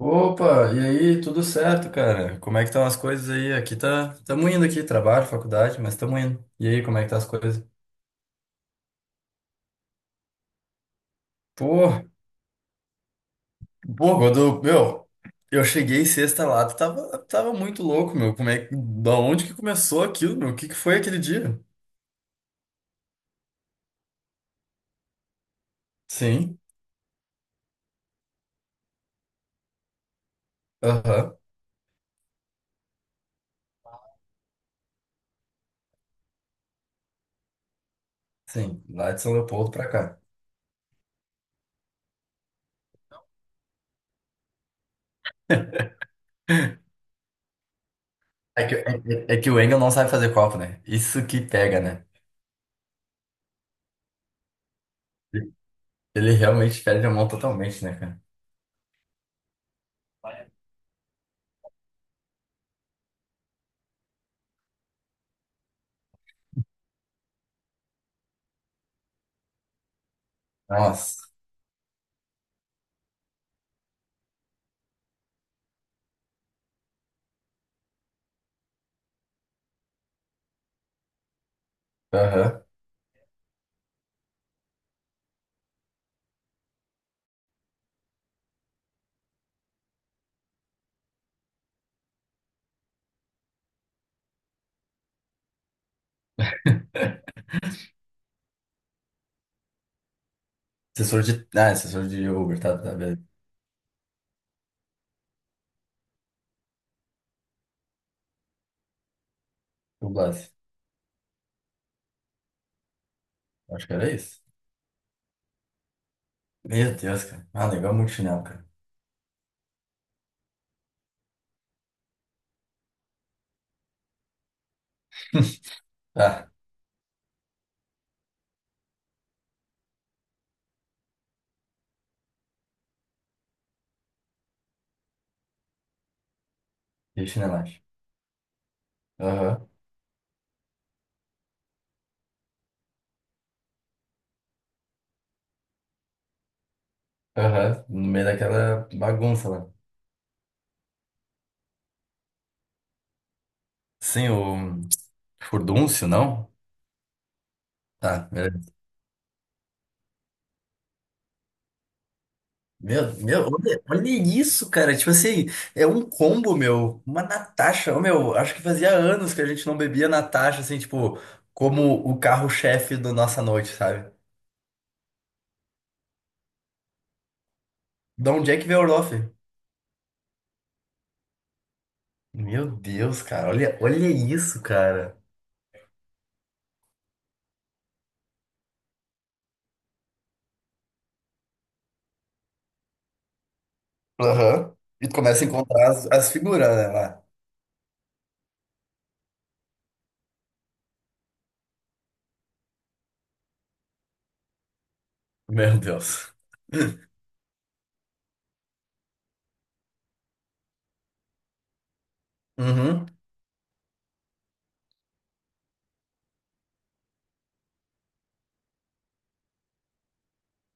Opa, e aí, tudo certo, cara? Como é que estão as coisas aí? Aqui tá, estamos indo aqui, trabalho, faculdade, mas estamos indo. E aí, como é que tá as coisas? Pô, pô, quando, meu, eu cheguei sexta lá, tu tava muito louco, meu. Como é, da onde que começou aquilo, meu? O que que foi aquele dia? Sim, aham, sim, lá de São Leopoldo pra cá. É que, é, é que o Engel não sabe fazer copo, né? Isso que pega, né? Ele realmente perde a mão totalmente, né, cara? Nossa, aham. Assessor de. Ah, assessor de Uber, tá, tá, beleza. Dublagem. Acho que era isso. Meu Deus, cara. Ah, legal muito chinelo, cara. Tá, e o chinelagem. Aham, aham. No meio daquela bagunça lá. Sim, o. Furdúncio, não? Tá, beleza. Meu, olha, olha isso, cara. Tipo assim, é um combo, meu. Uma Natasha. Ô, meu, acho que fazia anos que a gente não bebia Natasha, assim, tipo, como o carro-chefe da nossa noite, sabe? De onde é que veio o Orloff? Meu Deus, cara, olha, olha isso, cara. Aham. E tu começa a encontrar as figuras, né, lá. Meu Deus. Uhum.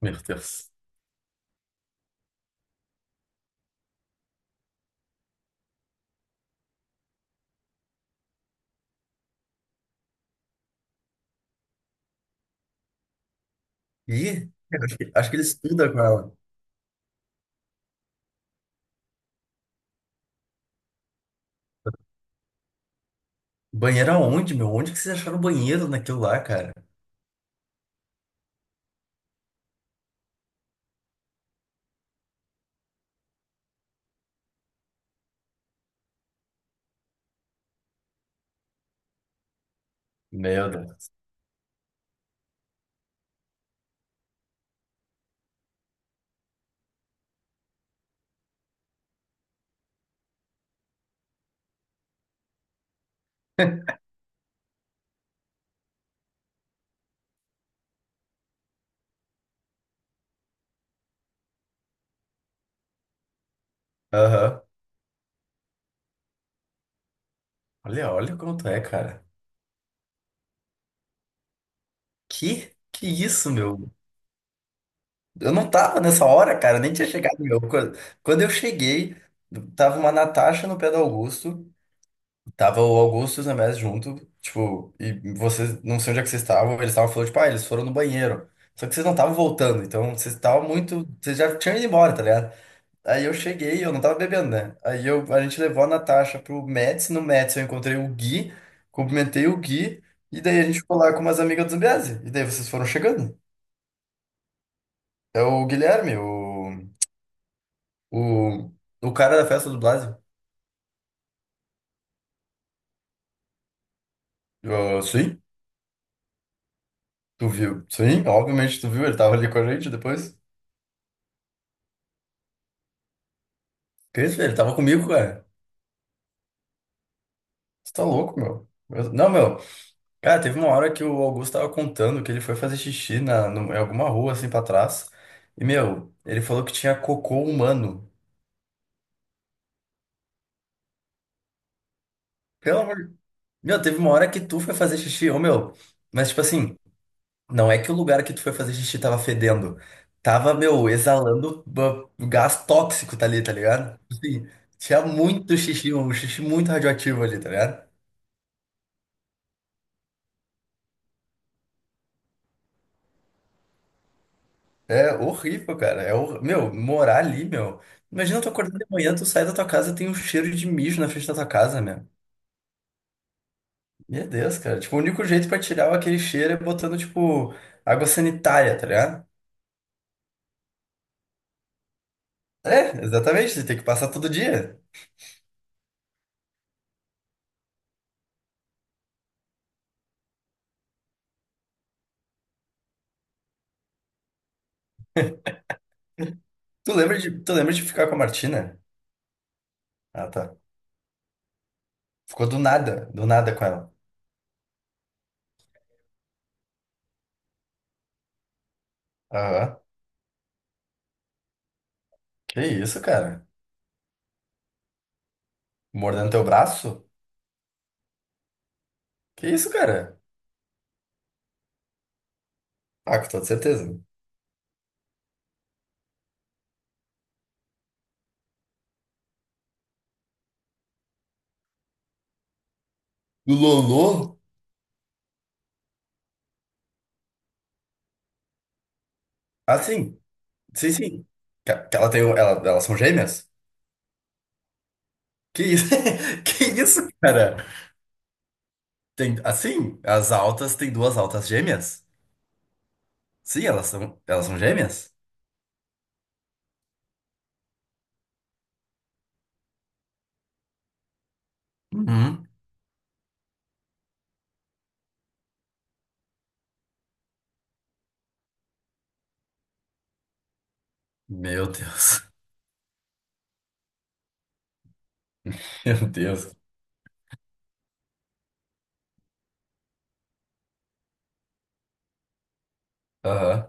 Meu Deus. E eu acho que ele estuda com ela. Banheiro aonde, meu? Onde que vocês acharam o banheiro naquilo lá, cara? Meu Deus. Aham. Olha, olha como tu é, cara. Que? Que isso, meu? Eu não tava nessa hora, cara, nem tinha chegado, meu. Quando eu cheguei, tava uma Natasha no pé do Augusto. Tava o Augusto e o Zamés junto, tipo, e vocês, não sei onde é que vocês estavam, eles estavam falando, tipo, ah, eles foram no banheiro. Só que vocês não estavam voltando, então vocês estavam muito. Vocês já tinham ido embora, tá ligado? Aí eu cheguei, eu não tava bebendo, né? Aí eu, a gente levou a Natasha pro Mets, no Mets eu encontrei o Gui, cumprimentei o Gui, e daí a gente ficou lá com umas amigas do Zambiase. E daí vocês foram chegando. É o Guilherme, o, o cara da festa do Blasio. Eu, sim, tu viu? Sim, obviamente tu viu, ele tava ali com a gente depois. Cris, velho, tava comigo, cara. Você tá louco, meu. Não, meu. Cara, teve uma hora que o Augusto tava contando que ele foi fazer xixi na, em alguma rua, assim, pra trás. E, meu, ele falou que tinha cocô humano. Pelo amor de... Meu, teve uma hora que tu foi fazer xixi, ô, meu. Mas, tipo assim, não é que o lugar que tu foi fazer xixi tava fedendo. Tava, meu, exalando gás tóxico tá ali, tá ligado? Tipo assim, tinha muito xixi, um xixi muito radioativo ali, tá ligado? É horrível, cara. É hor... Meu, morar ali, meu. Imagina tu acordar de manhã, tu sai da tua casa e tem um cheiro de mijo na frente da tua casa, meu. Meu Deus, cara. Tipo, o único jeito pra tirar aquele cheiro é botando, tipo, água sanitária, tá ligado? É, exatamente. Você tem que passar todo dia. Tu lembra de ficar com a Martina? Ah, tá. Ficou do nada com ela. Aham. Que isso, cara? Mordendo teu braço? Que isso, cara? Ah, com toda certeza. Do Lolo? Ah, sim. Sim, sim. Que ela tem, ela, elas são gêmeas? Que isso? Que isso, cara? Tem, assim, as altas têm duas altas gêmeas? Sim, elas são gêmeas? Uhum. Meu Deus. Meu Deus. Aham.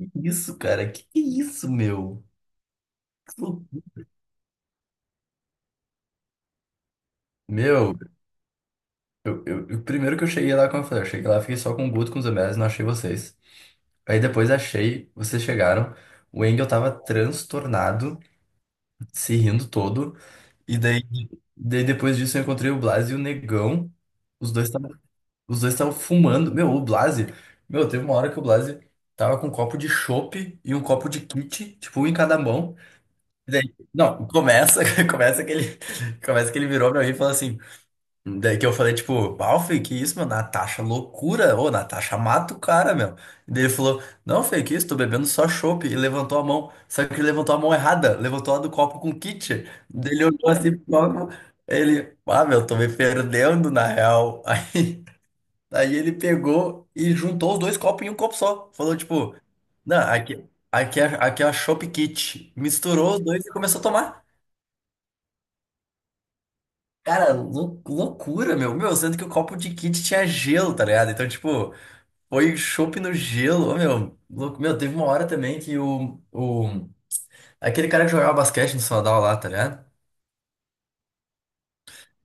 Que isso, cara? Que isso, meu? Que lou- Meu, primeiro que eu cheguei lá, como eu falei, eu cheguei lá, fiquei só com o Guto, com os MLs, não achei vocês. Aí depois achei, vocês chegaram. O Engel tava transtornado, se rindo todo. E daí, depois disso eu encontrei o Blas e o Negão. Os dois estavam, os dois estavam fumando. Meu, o Blas, meu, teve uma hora que o Blas tava com um copo de chopp e um copo de kit, tipo um em cada mão. E daí, não, começa, começa que ele, começa que ele virou pra mim e falou assim: Daí que eu falei, tipo, pau, Fê, que isso, meu? Natasha, é loucura. Ô, Natasha, mata o cara, meu. E daí ele falou, não, Fê, que isso, tô bebendo só chopp. E levantou a mão. Só que ele levantou a mão errada, levantou a do copo com kit. Daí ele olhou assim pro copo. Ele, ah, meu, tô me perdendo, na real. Aí, ele pegou e juntou os dois copos em um copo só. Falou, tipo, não, aqui é a chopp kit. Misturou os dois e começou a tomar. Cara, loucura, meu. Meu, sendo que o copo de kit tinha gelo, tá ligado? Então, tipo, foi chopp no gelo. Ô, meu, louco. Meu, teve uma hora também que o... Aquele cara que jogava basquete no Sadal lá, tá ligado?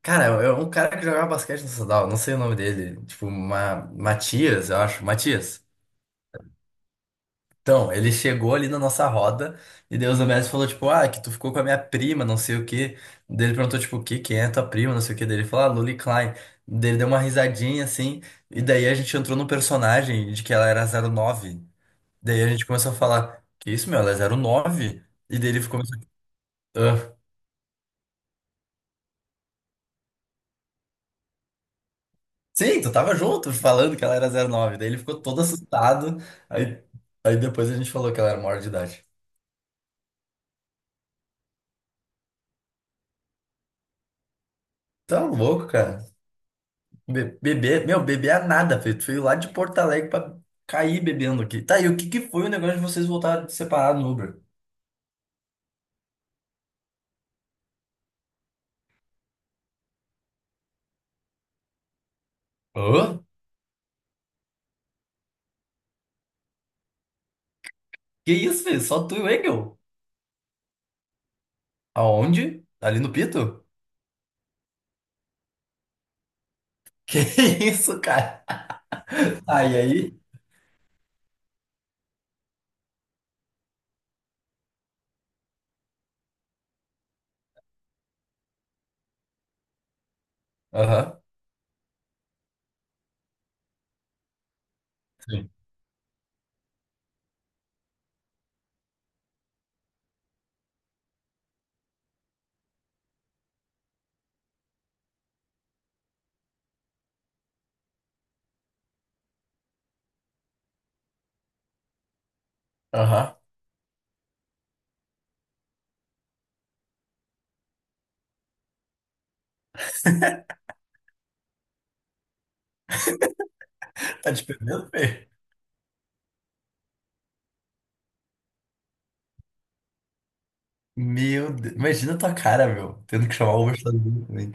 Cara, é um cara que jogava basquete no Sadal, não sei o nome dele. Tipo, Matias, eu acho. Matias. Então, ele chegou ali na nossa roda e Deus o mestre falou, tipo, ah, que tu ficou com a minha prima, não sei o quê. Daí ele perguntou, tipo, o quê? Quem é tua prima, não sei o quê. Daí ele falou, ah, Lully Klein. Daí ele deu uma risadinha, assim, e daí a gente entrou no personagem de que ela era 09. Daí a gente começou a falar, que isso, meu, ela é 09. E daí ele ficou, ah, sim, tu tava junto falando que ela era 09. Daí ele ficou todo assustado, aí, aí depois a gente falou que ela era maior de idade. Tá louco, cara. Beber, meu, beber é nada, filho. Tu veio lá de Porto Alegre pra cair bebendo aqui. Tá, e o que que foi o negócio de vocês voltarem separados no Uber? Hã? Que isso, filho? Só tu e o Engel? Aonde? Ali no Pito? Que isso, cara? Ah, e aí? Aham. Sim. Aham. Tá te perdendo, filho? Meu Deus. Imagina a tua cara, meu. Tendo que chamar o Uber sozinho também.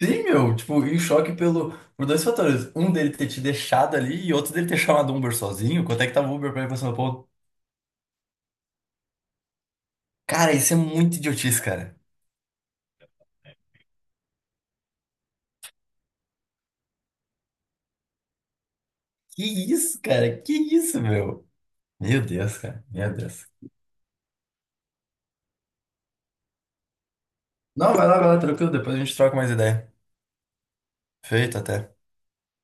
Sim, meu. Tipo, em choque pelo, por dois fatores. Um dele ter te deixado ali e outro dele ter chamado o Uber sozinho. Quanto é que tava o Uber pra ir pra São Paulo? Cara, isso é muito idiotice, cara. Que isso, cara? Que isso, meu? Meu Deus, cara. Meu Deus. Não, vai lá, tranquilo. Depois a gente troca mais ideia. Feito até.